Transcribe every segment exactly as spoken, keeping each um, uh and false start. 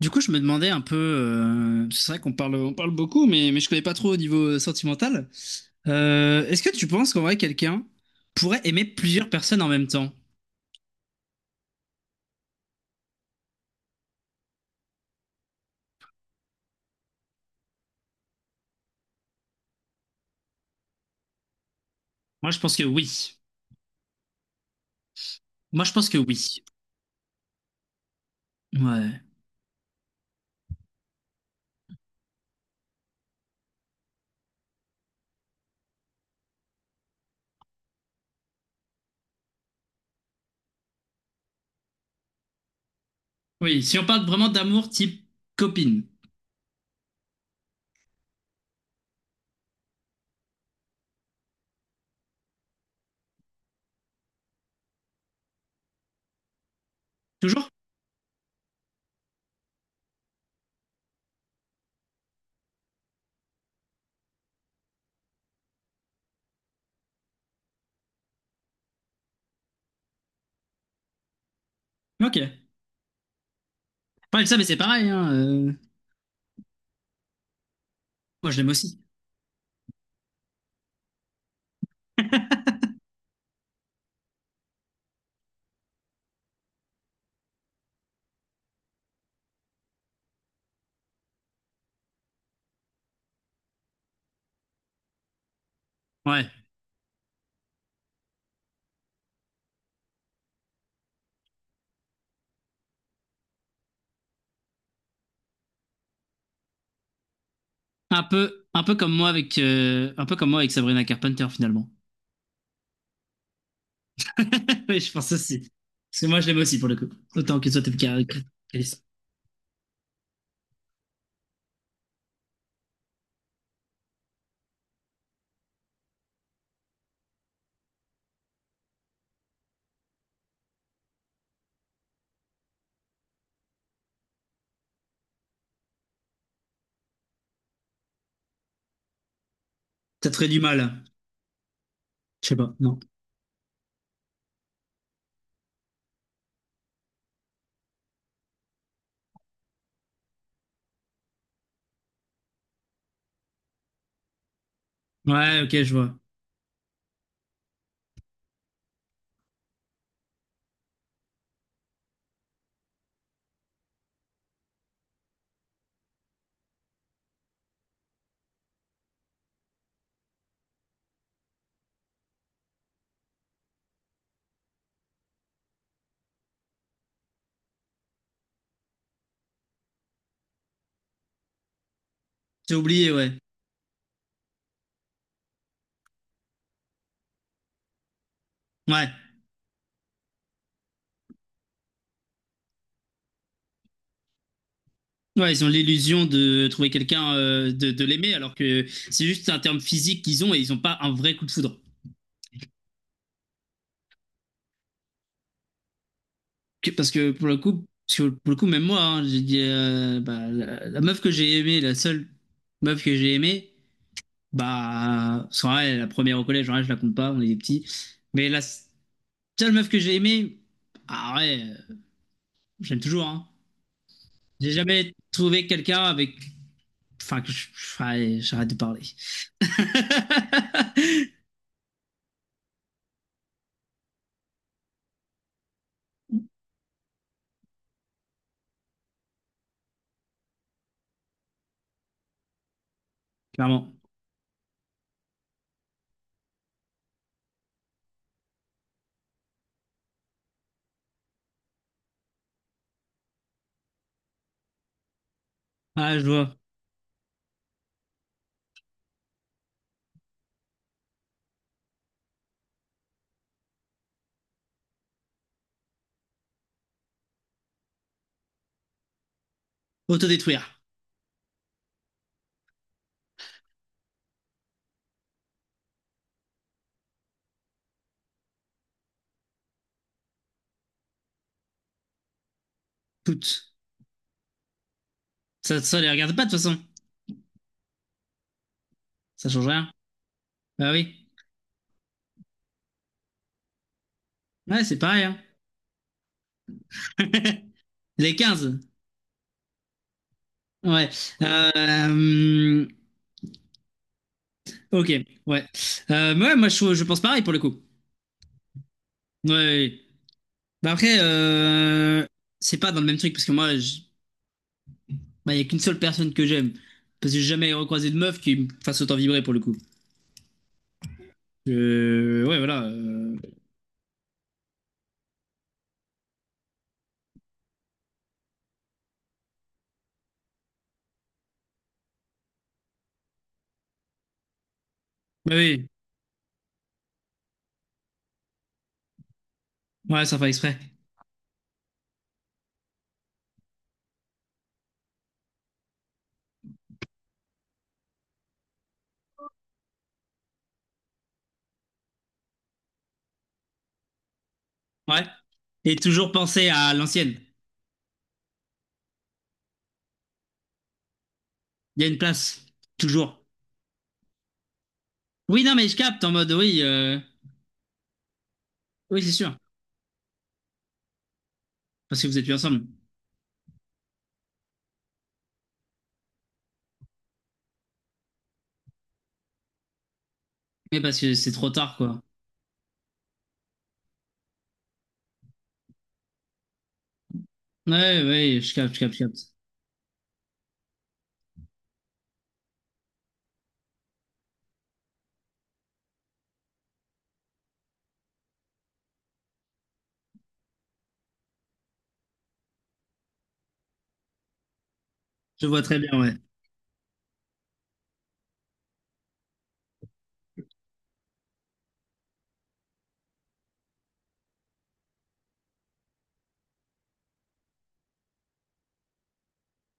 Du coup, je me demandais un peu, euh, c'est vrai qu'on parle, on parle beaucoup, mais, mais je connais pas trop au niveau euh, sentimental. Euh, est-ce que tu penses qu'en vrai, quelqu'un pourrait aimer plusieurs personnes en même temps? Moi, je pense que oui. Moi, je pense que oui. Ouais. Oui, si on parle vraiment d'amour type copine. Toujours? Ok. Parle de ça, mais c'est pareil, hein, euh, moi, je l'aime aussi. Ouais. Un peu, un peu comme moi avec, euh, un peu comme moi avec Sabrina Carpenter, finalement. Oui, je pense aussi. Parce que moi, je l'aime aussi, pour le coup. Autant que toi, efficace. T'as très du mal. Je sais pas, non. Ouais, ok, je vois. J'ai oublié, ouais. Ouais. Ouais, ils ont l'illusion de trouver quelqu'un, euh, de, de l'aimer, alors que c'est juste un terme physique qu'ils ont et ils n'ont pas un vrai coup de foudre. Que- Parce que pour le coup, parce que pour le coup, même moi, hein, j'ai dit, euh, bah, la, la meuf que j'ai aimée, la seule meuf que j'ai aimée, bah, parce qu'en vrai, la première au collège, en vrai, je la compte pas, on est des petits. Mais la seule meuf que j'ai aimée, ah ouais, euh, j'aime toujours, hein. J'ai jamais trouvé quelqu'un avec, enfin, que je- enfin, j'arrête de parler. Clairement. Ah, je vois. Autodétruire. Toutes. Ça, ça les regarde pas de toute façon. Ça change rien. Bah oui. Ouais, c'est pareil, hein. Les quinze. Ouais. Euh, ok. Ouais. Euh, ouais, moi, je, je pense pareil pour le coup. Ouais, ouais, ouais. Bah après, euh, c'est pas dans le même truc parce que moi, il bah, y a qu'une seule personne que j'aime. Parce que j'ai jamais recroisé de meuf qui me fasse autant vibrer pour le coup. Euh, ouais, voilà. euh, Bah oui. Ouais, ça fait exprès. Ouais. Et toujours penser à l'ancienne. Il y a une place. Toujours. Oui, non, mais je capte en mode oui, euh, oui, c'est sûr. Parce que vous êtes plus ensemble. Mais parce que c'est trop tard, quoi. Ouais, ouais, je capte, je capte, je capte. Je vois très bien, ouais.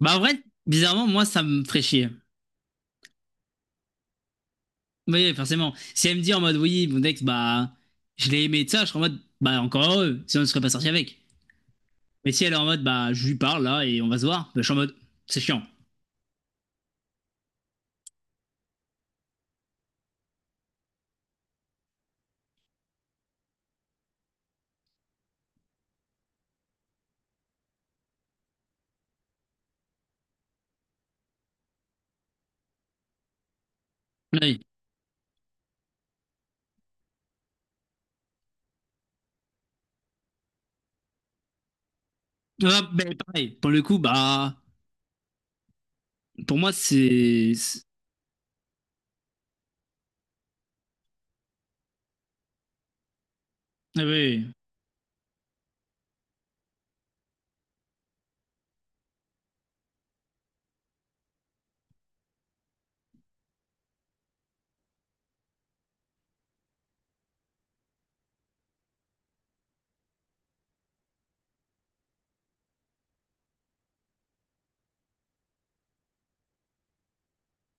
Bah, en vrai, bizarrement, moi, ça me ferait chier. Oui, forcément. Si elle me dit en mode oui, mon ex, bah, je l'ai aimé de ça, je serais en mode bah, encore heureux. Sinon, je serais pas sorti avec. Mais si elle est en mode bah, je lui parle là et on va se voir, bah, je suis en mode c'est chiant. Oui. Ouais, bah, pareil. Pour le coup, bah, pour moi, c'est. Ah oui, oui.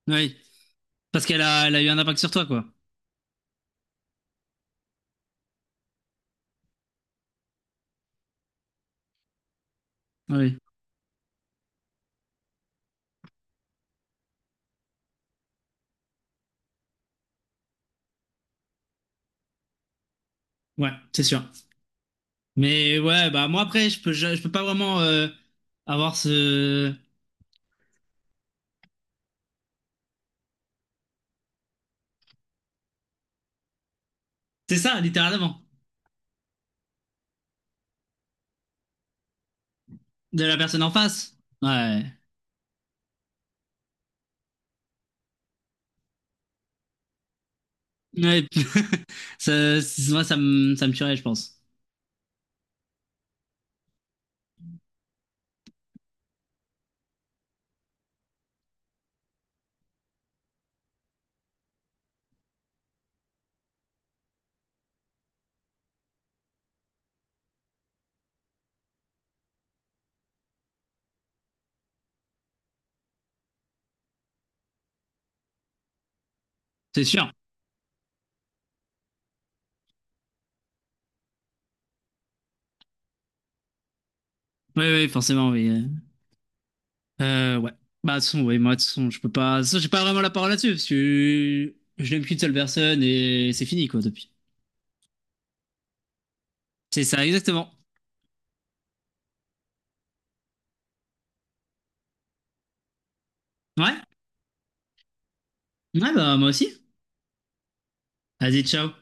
Oui. Parce qu'elle a, elle a eu un impact sur toi, quoi. Ah oui. Ouais, c'est sûr. Mais ouais, bah moi après, je peux, je, je peux pas vraiment euh, avoir ce. C'est ça, littéralement, de la personne en face. Ouais. Ouais. Ça, c'est- moi, ça me, ça me tuerait, je pense. C'est sûr. Oui, oui, forcément, oui. Euh, Euh, ouais. Bah, de toute façon, oui, moi, de toute façon, je peux pas. De toute façon, j'ai pas vraiment la parole là-dessus, parce que je n'aime qu'une seule personne et c'est fini, quoi, depuis. C'est ça, exactement. Ouais. Ouais, bah, moi aussi. Vas-y, ciao.